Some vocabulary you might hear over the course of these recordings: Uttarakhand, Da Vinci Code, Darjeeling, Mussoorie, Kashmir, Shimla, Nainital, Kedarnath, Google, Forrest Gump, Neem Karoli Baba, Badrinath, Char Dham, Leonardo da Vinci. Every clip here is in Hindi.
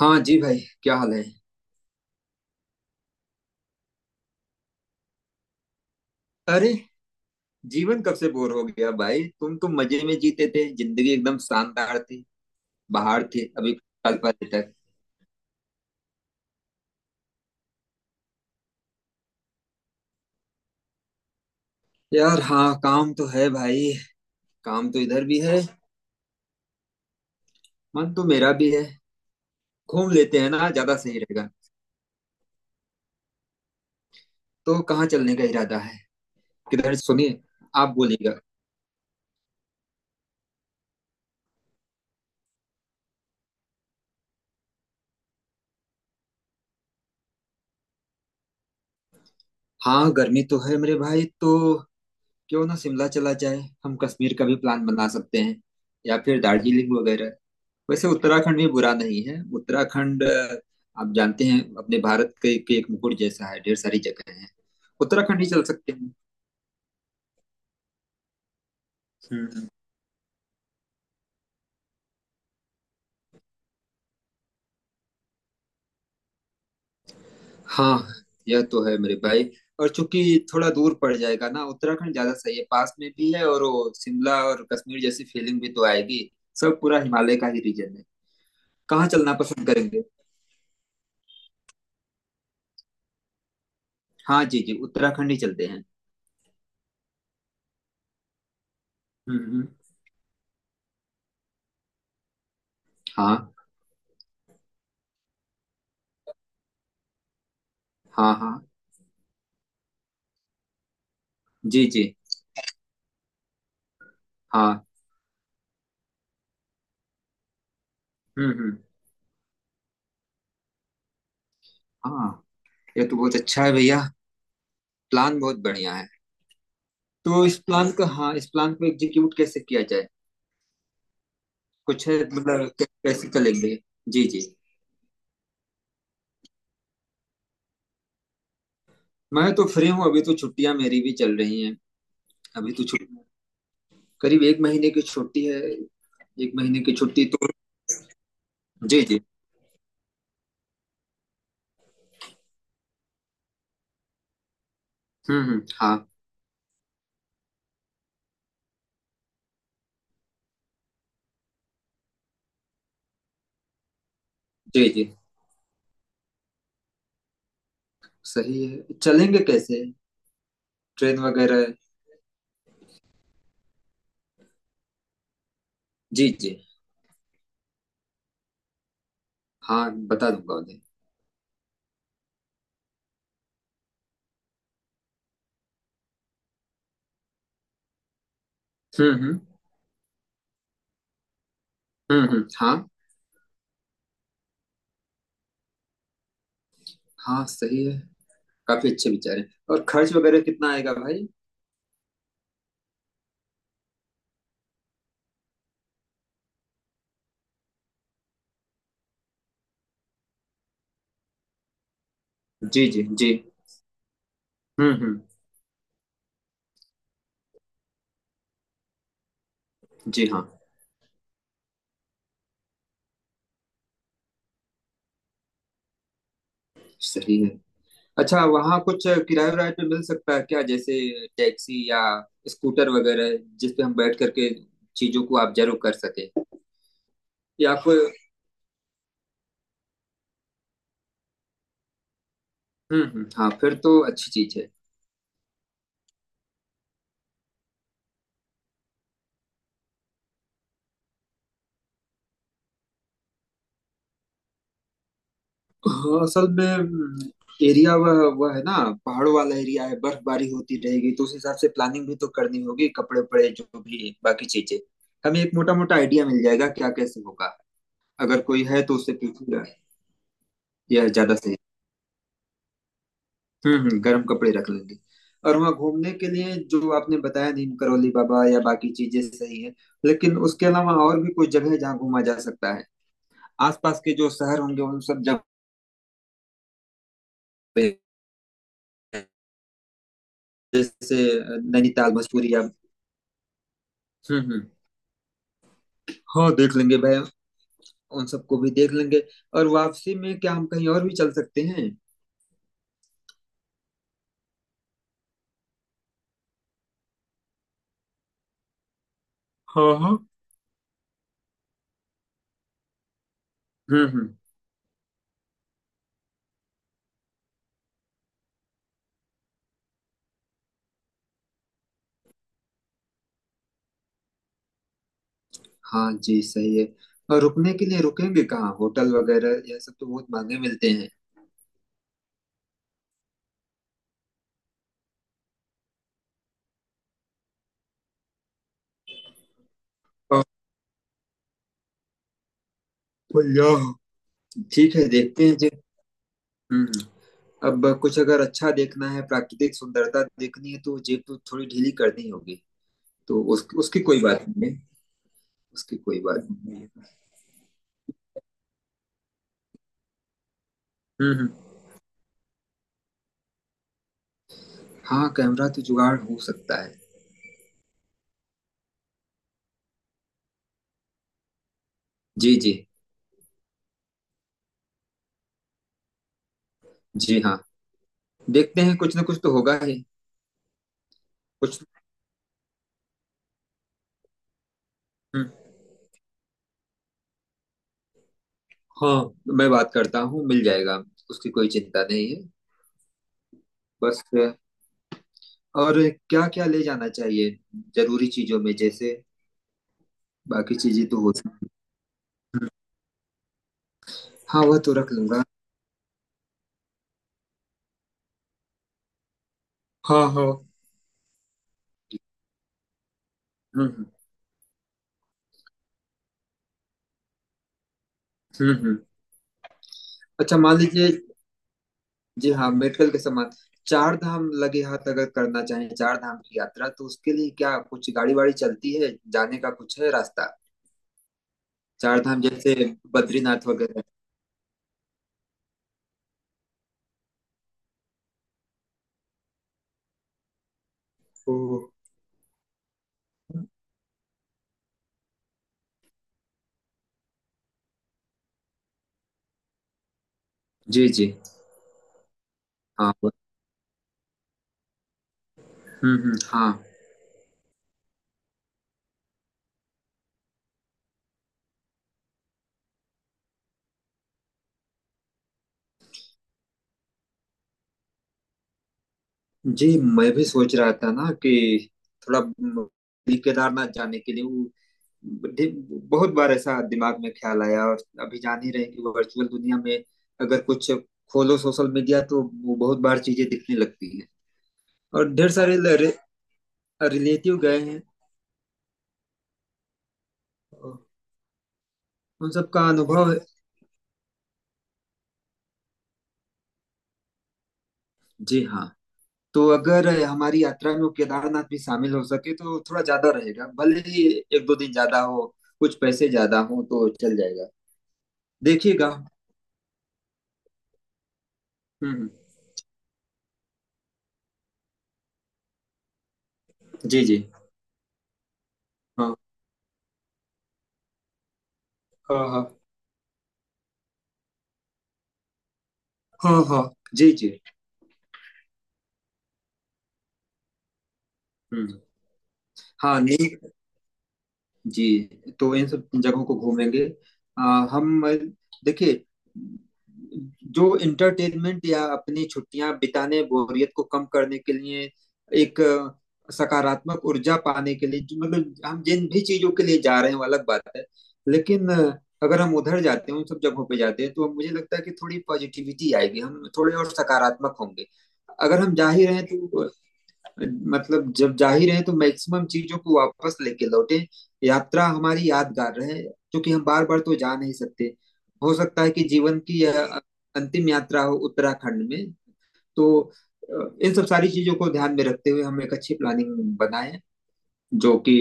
हाँ जी भाई। क्या हाल है। अरे जीवन कब से बोर हो गया भाई तुम तो मजे में जीते थे। जिंदगी एकदम शानदार थी। बाहर थे अभी साल पहले तक। यार हाँ, काम तो है भाई। काम तो इधर भी है। मन तो मेरा भी है। घूम लेते हैं ना, ज्यादा सही रहेगा। तो कहाँ चलने का इरादा है? किधर सुनिए। आप बोलिएगा। हाँ, गर्मी तो है मेरे भाई। तो क्यों ना शिमला चला जाए। हम कश्मीर का भी प्लान बना सकते हैं। या फिर दार्जिलिंग वगैरह। वैसे उत्तराखंड भी बुरा नहीं है। उत्तराखंड आप जानते हैं अपने भारत के, एक मुकुट जैसा है। ढेर सारी जगह है। उत्तराखंड ही चल सकते हैं। हम्म। हाँ, यह तो है मेरे भाई। और चूंकि थोड़ा दूर पड़ जाएगा ना, उत्तराखंड ज्यादा सही है। पास में भी है और वो शिमला और कश्मीर जैसी फीलिंग भी तो आएगी। सब पूरा हिमालय का ही रीजन है। कहाँ चलना पसंद करेंगे? हाँ जी जी, उत्तराखंड ही चलते हैं। हम्म हम्म, हाँ। हाँ हाँ। जी जी। हाँ। हम्म हम्म, हाँ। ये तो बहुत अच्छा है भैया। प्लान बहुत बढ़िया है। तो इस प्लान का, हाँ, इस प्लान को एग्जीक्यूट कैसे किया जाए? कुछ है मतलब कैसे करेंगे? जी जी। मैं तो फ्री हूँ, अभी तो छुट्टियां मेरी भी चल रही हैं। अभी तो छुट्टी करीब एक महीने की छुट्टी है। एक महीने की छुट्टी, तो जी जी। हम्म। हाँ जी जी, सही है। चलेंगे कैसे? ट्रेन वगैरह? जी जी। हाँ, बता दूंगा उन्हें। हम्म। हाँ। हाँ, सही है। काफी अच्छे विचार हैं और खर्च वगैरह कितना आएगा भाई? जी जी जी। हम्म। जी हाँ, सही है। अच्छा, वहाँ कुछ किराए वराए पे मिल सकता है क्या? जैसे टैक्सी या स्कूटर वगैरह जिस पे हम बैठ करके चीजों को ऑब्जर्व कर सके या कोई। हम्म, हाँ, फिर तो अच्छी चीज है। हाँ, असल में एरिया वह है ना। पहाड़ों वाला एरिया है, बर्फबारी होती रहेगी तो उस हिसाब से प्लानिंग भी तो करनी होगी, कपड़े उपड़े जो भी बाकी चीजें। हमें एक मोटा मोटा आइडिया मिल जाएगा क्या कैसे होगा? अगर कोई है तो उससे पूछूंगा। यह ज्यादा सही। गर्म कपड़े रख लेंगे। और वहाँ घूमने के लिए जो आपने बताया नीम करौली बाबा या बाकी चीजें सही है। लेकिन उसके अलावा और भी कोई जगह है जहाँ घूमा जा सकता है? आसपास के जो शहर होंगे, उन सब जगह पे। जैसे नैनीताल, मसूरी या। हम्म। हाँ, देख लेंगे भाई। उन सबको भी देख लेंगे। और वापसी में क्या हम कहीं और भी चल सकते हैं? हाँ हाँ। हम्म। हाँ जी, सही है। और रुकने के लिए रुकेंगे कहाँ, होटल वगैरह यह सब तो बहुत महंगे मिलते हैं। हाँ, भैया, ठीक है, देखते हैं जे। हम्म अब कुछ अगर अच्छा देखना है, प्राकृतिक सुंदरता देखनी है, तो जेब तो थोड़ी ढीली करनी होगी। तो उसकी कोई बात नहीं है। उसकी कोई बात नहीं है। हम्म हम्म, हाँ। कैमरा तो जुगाड़ हो सकता है। जी जी जी। हाँ, देखते हैं, कुछ ना कुछ तो होगा ही। कुछ। हम्म, हाँ। मैं बात करता हूँ, मिल जाएगा। उसकी कोई चिंता नहीं है। बस और क्या क्या ले जाना चाहिए जरूरी चीजों में, जैसे। बाकी चीजें तो हो सकती हैं। हाँ, वह तो रख लूंगा। हाँ हाँ। हम्म हम्म। हम्म। अच्छा, मान लीजिए। जी हाँ, मेडिकल के समान। चार धाम लगे हाथ अगर करना चाहें, चार धाम की यात्रा, तो उसके लिए क्या कुछ गाड़ी वाड़ी चलती है? जाने का कुछ है रास्ता? चार धाम जैसे बद्रीनाथ वगैरह। ओ। जी जी, हाँ। हाँ। जी, मैं भी सोच रहा था ना कि थोड़ा केदारनाथ जाने के लिए ढि- बहुत बार ऐसा दिमाग में ख्याल आया। और अभी जान ही रहे हैं कि वर्चुअल दुनिया में अगर कुछ खोलो सोशल मीडिया तो वो बहुत बार चीजें दिखने लगती हैं। और ढेर सारे रिलेटिव गए हैं। उन सबका अनुभव है। जी हाँ। तो अगर हमारी यात्रा में केदारनाथ भी शामिल हो सके तो थोड़ा ज्यादा रहेगा, भले ही एक दो दिन ज्यादा हो, कुछ पैसे ज्यादा हो तो चल जाएगा। देखिएगा। हम्म हम्म। जी जी। हाँ हाँ हाँ हाँ हाँ। जी जी। हम्म। हाँ, नहीं जी। तो इन सब जगहों को घूमेंगे। आ, हम देखिए, जो इंटरटेनमेंट या अपनी छुट्टियां बिताने, बोरियत को कम करने के लिए, एक सकारात्मक ऊर्जा पाने के लिए, जो मतलब हम जिन भी चीजों के लिए जा रहे हैं वो अलग बात है। लेकिन अगर हम उधर जाते हैं, उन सब जगहों पे जाते हैं, तो मुझे लगता है कि थोड़ी पॉजिटिविटी आएगी, हम थोड़े और सकारात्मक होंगे। अगर हम जा ही रहे हैं तो मतलब जब जाहिर है तो मैक्सिमम चीजों को वापस लेके लौटे यात्रा हमारी यादगार रहे, क्योंकि हम बार बार तो जा नहीं सकते। हो सकता है कि जीवन की यह अंतिम यात्रा हो उत्तराखंड में। तो इन सब सारी चीजों को ध्यान में रखते हुए हम एक अच्छी प्लानिंग बनाएं जो कि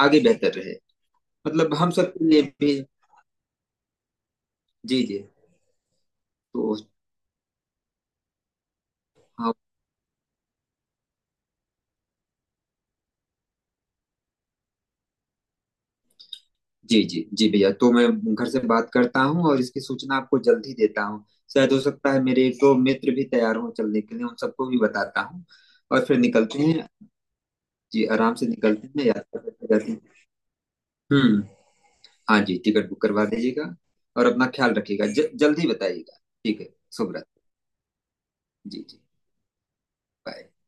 आगे बेहतर रहे, मतलब हम सबके लिए भी। जी जी। तो हाँ जी जी जी भैया, तो मैं घर से बात करता हूँ और इसकी सूचना आपको जल्द ही देता हूँ। शायद हो सकता है मेरे एक दो मित्र भी तैयार हों चलने के लिए, उन सबको भी बताता हूँ। और फिर निकलते हैं। जी, आराम से निकलते हैं, यात्रा करते जाते हैं। हम्म। हाँ जी, टिकट बुक करवा दीजिएगा। और अपना ख्याल रखिएगा, जल्दी बताइएगा। ठीक है। शुभ रात्रि। जी जी। बाय।